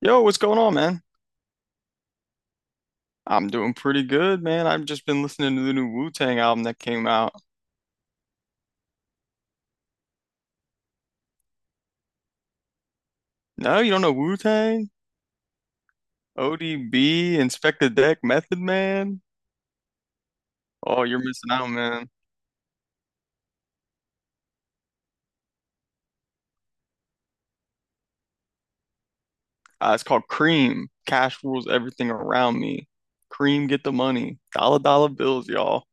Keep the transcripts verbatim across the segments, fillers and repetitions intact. Yo, what's going on, man? I'm doing pretty good, man. I've just been listening to the new Wu-Tang album that came out. No, you don't know Wu-Tang? O D B, Inspect the Deck, Method Man? Oh, you're missing out, man. Uh, it's called Cream. Cash rules everything around me. Cream, get the money. Dollar dollar bills, y'all.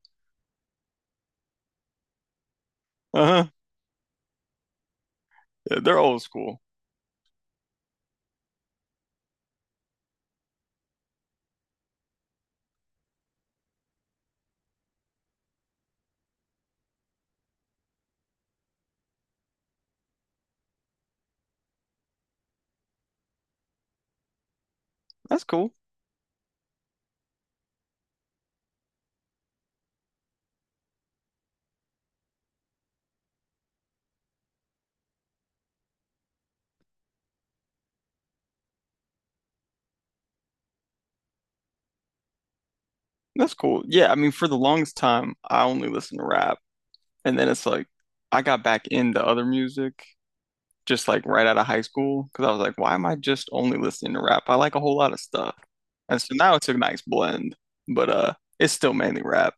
Uh-huh. Yeah, they're old school. That's cool. That's cool. Yeah, I mean, for the longest time, I only listened to rap. And then it's like, I got back into other music. Just like right out of high school because I was like, why am I just only listening to rap? I like a whole lot of stuff. And so now it's a nice blend, but uh it's still mainly rap.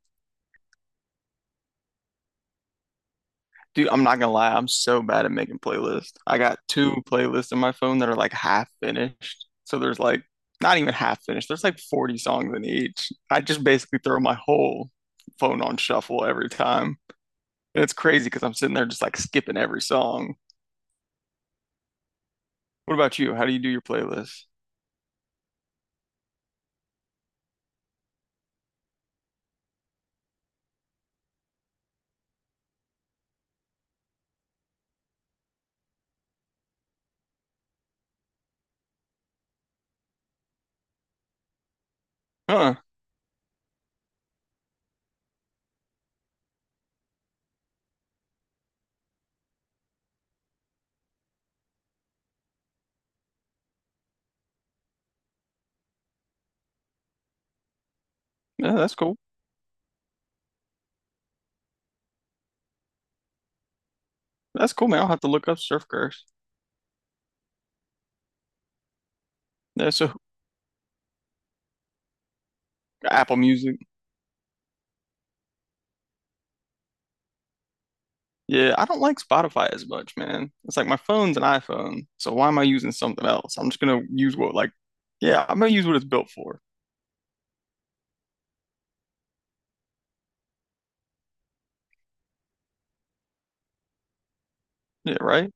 Dude, I'm not gonna lie, I'm so bad at making playlists. I got two playlists on my phone that are like half finished. So there's like not even half finished. There's like forty songs in each. I just basically throw my whole phone on shuffle every time. And it's crazy because I'm sitting there just like skipping every song. What about you? How do you do your playlist? Huh. Yeah, that's cool. That's cool, man. I'll have to look up Surf Curse. Yeah, so Apple Music. Yeah, I don't like Spotify as much, man. It's like my phone's an iPhone, so why am I using something else? I'm just gonna use what like, yeah, I'm gonna use what it's built for. Yeah, right?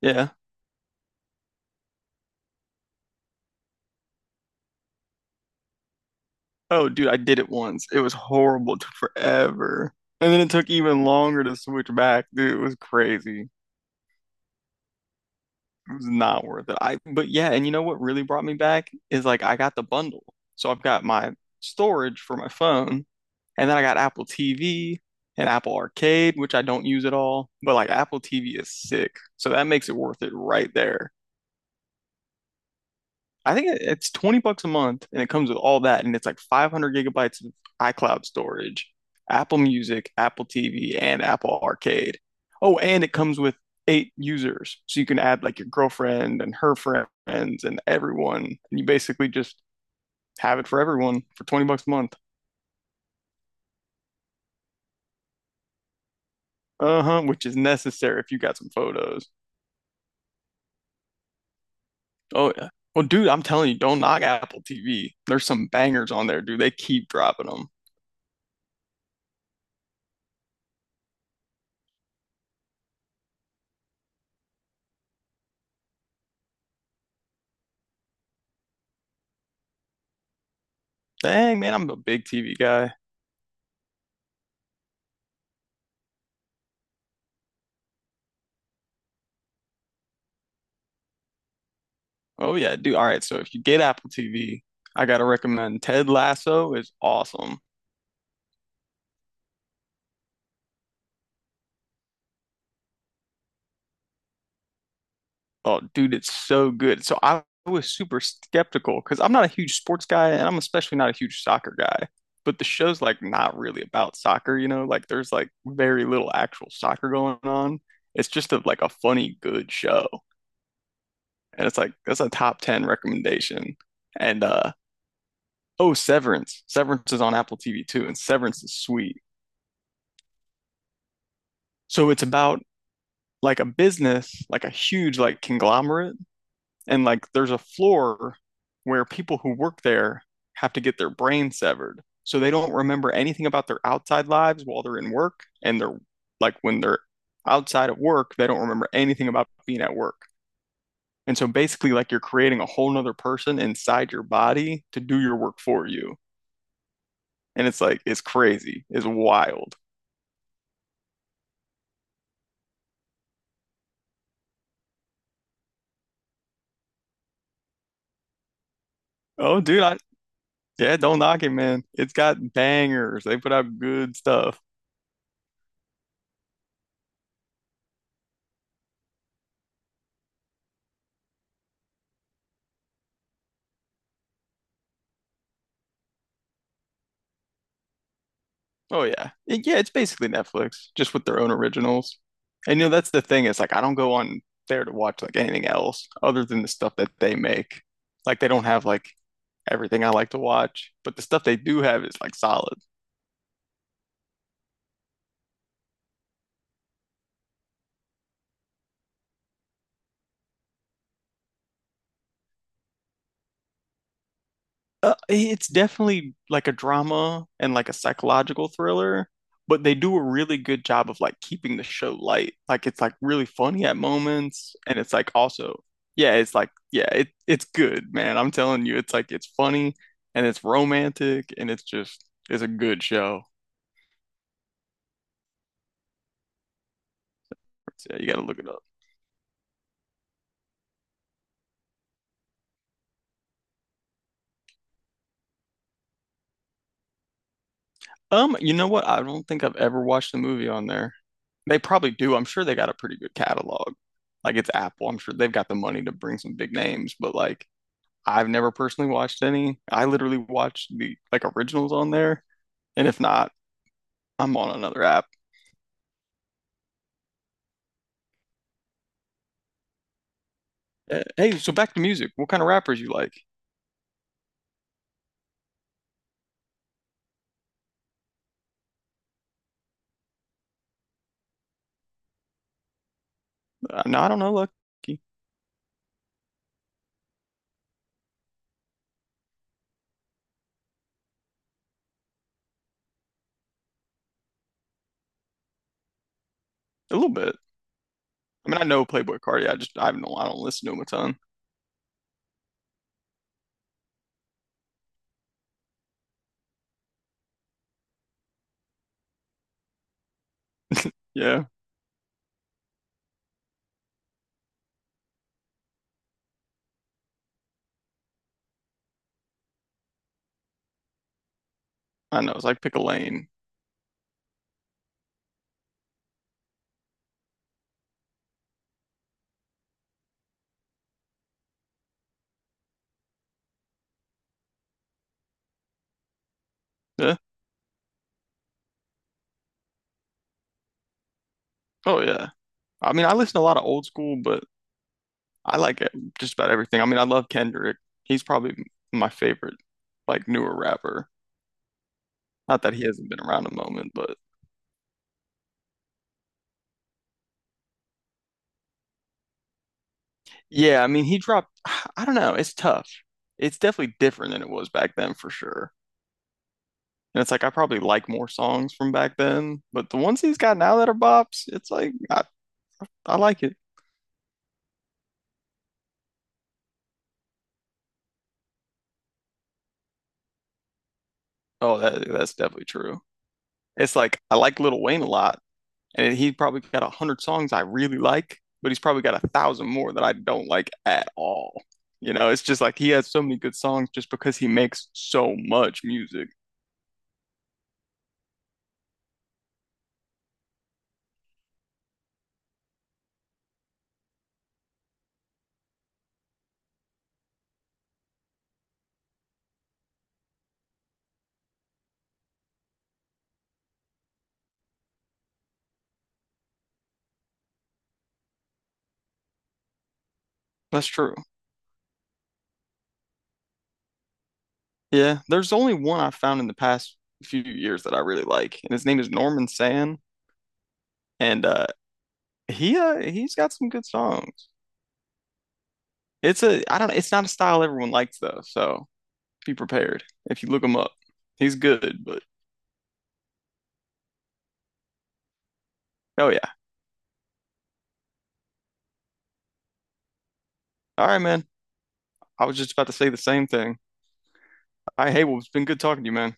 Yeah. Oh, dude, I did it once. It was horrible. Took forever. And then it took even longer to switch back. Dude, it was crazy. It was not worth it. I but Yeah, and you know what really brought me back is like I got the bundle. So I've got my storage for my phone. And then I got Apple T V and Apple Arcade, which I don't use at all. But like Apple T V is sick. So that makes it worth it right there. I think it- it's twenty bucks a month and it comes with all that. And it's like five hundred gigabytes of iCloud storage, Apple Music, Apple T V, and Apple Arcade. Oh, and it comes with eight users. So you can add like your girlfriend and her friends and everyone. And you basically just have it for everyone for twenty bucks a month. Uh-huh, which is necessary if you got some photos. Oh yeah. Well, dude, I'm telling you, don't knock Apple T V. There's some bangers on there, dude. They keep dropping them. Dang, man, I'm a big T V guy. Oh yeah, dude. All right, so if you get Apple T V, I gotta recommend Ted Lasso is awesome. Oh, dude, it's so good. So I was super skeptical because I'm not a huge sports guy, and I'm especially not a huge soccer guy. But the show's like not really about soccer, you know? Like there's like very little actual soccer going on. It's just a, like a funny, good show. And it's like that's a top ten recommendation. And uh Oh, Severance. Severance is on Apple TV too, and Severance is sweet. So it's about like a business, like a huge like conglomerate. And like there's a floor where people who work there have to get their brain severed so they don't remember anything about their outside lives while they're in work. And they're like when they're outside of work they don't remember anything about being at work. And so basically like you're creating a whole nother person inside your body to do your work for you. And it's like, it's crazy. It's wild. Oh, dude, I, yeah, don't knock it, man. It's got bangers. They put out good stuff. Oh, yeah. It- yeah, it's basically Netflix, just with their own originals. And, you know, that's the thing. It's like, I don't go on there to watch like anything else other than the stuff that they make. Like, they don't have like everything I like to watch, but the stuff they do have is like solid. Uh, it's definitely like a drama and like a psychological thriller, but they do a really good job of like keeping the show light. Like it's like really funny at moments, and it's like also, yeah, it's like yeah, it it's good, man. I'm telling you, it's like it's funny and it's romantic and it's just it's a good show. So, yeah, you gotta look it up. Um, you know what? I don't think I've ever watched a movie on there. They probably do. I'm sure they got a pretty good catalog. Like it's Apple. I'm sure they've got the money to bring some big names, but like. I've never personally watched any. I literally watch the like originals on there, and if not, I'm on another app. Uh, Hey, so back to music. What kind of rappers you like? Uh, no, I don't know, Lucky. A little bit. I mean, I know Playboy Cardi. I just I don't I don't listen to him a ton. Yeah, I know. It's like pick a lane. Yeah. Oh yeah. I mean, I listen to a lot of old school, but I like it- just about everything. I mean, I love Kendrick. He's probably my favorite, like newer rapper. Not that he hasn't been around a moment, but yeah, I mean, he dropped, I don't know, it's tough. It's definitely different than it was back then for sure. And it's like I probably like more songs from back then, but the ones he's got now that are bops, it's like I, I like it. Oh, that that's definitely true. It's like I like Lil Wayne a lot, and he probably got a hundred songs I really like, but he's probably got a thousand more that I don't like at all. You know, it's just like he has so many good songs just because he makes so much music. That's true. Yeah, there's only one I found in the past few years that I really like, and his name is Norman Sand, and uh, he uh, he's got some good songs. It's a I don't it's not a style everyone likes though, so be prepared if you look him up. He's good, but oh yeah. All right, man. I was just about to say the same thing. I Hey, well, it's been good talking to you, man.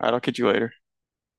All right, I'll catch you later.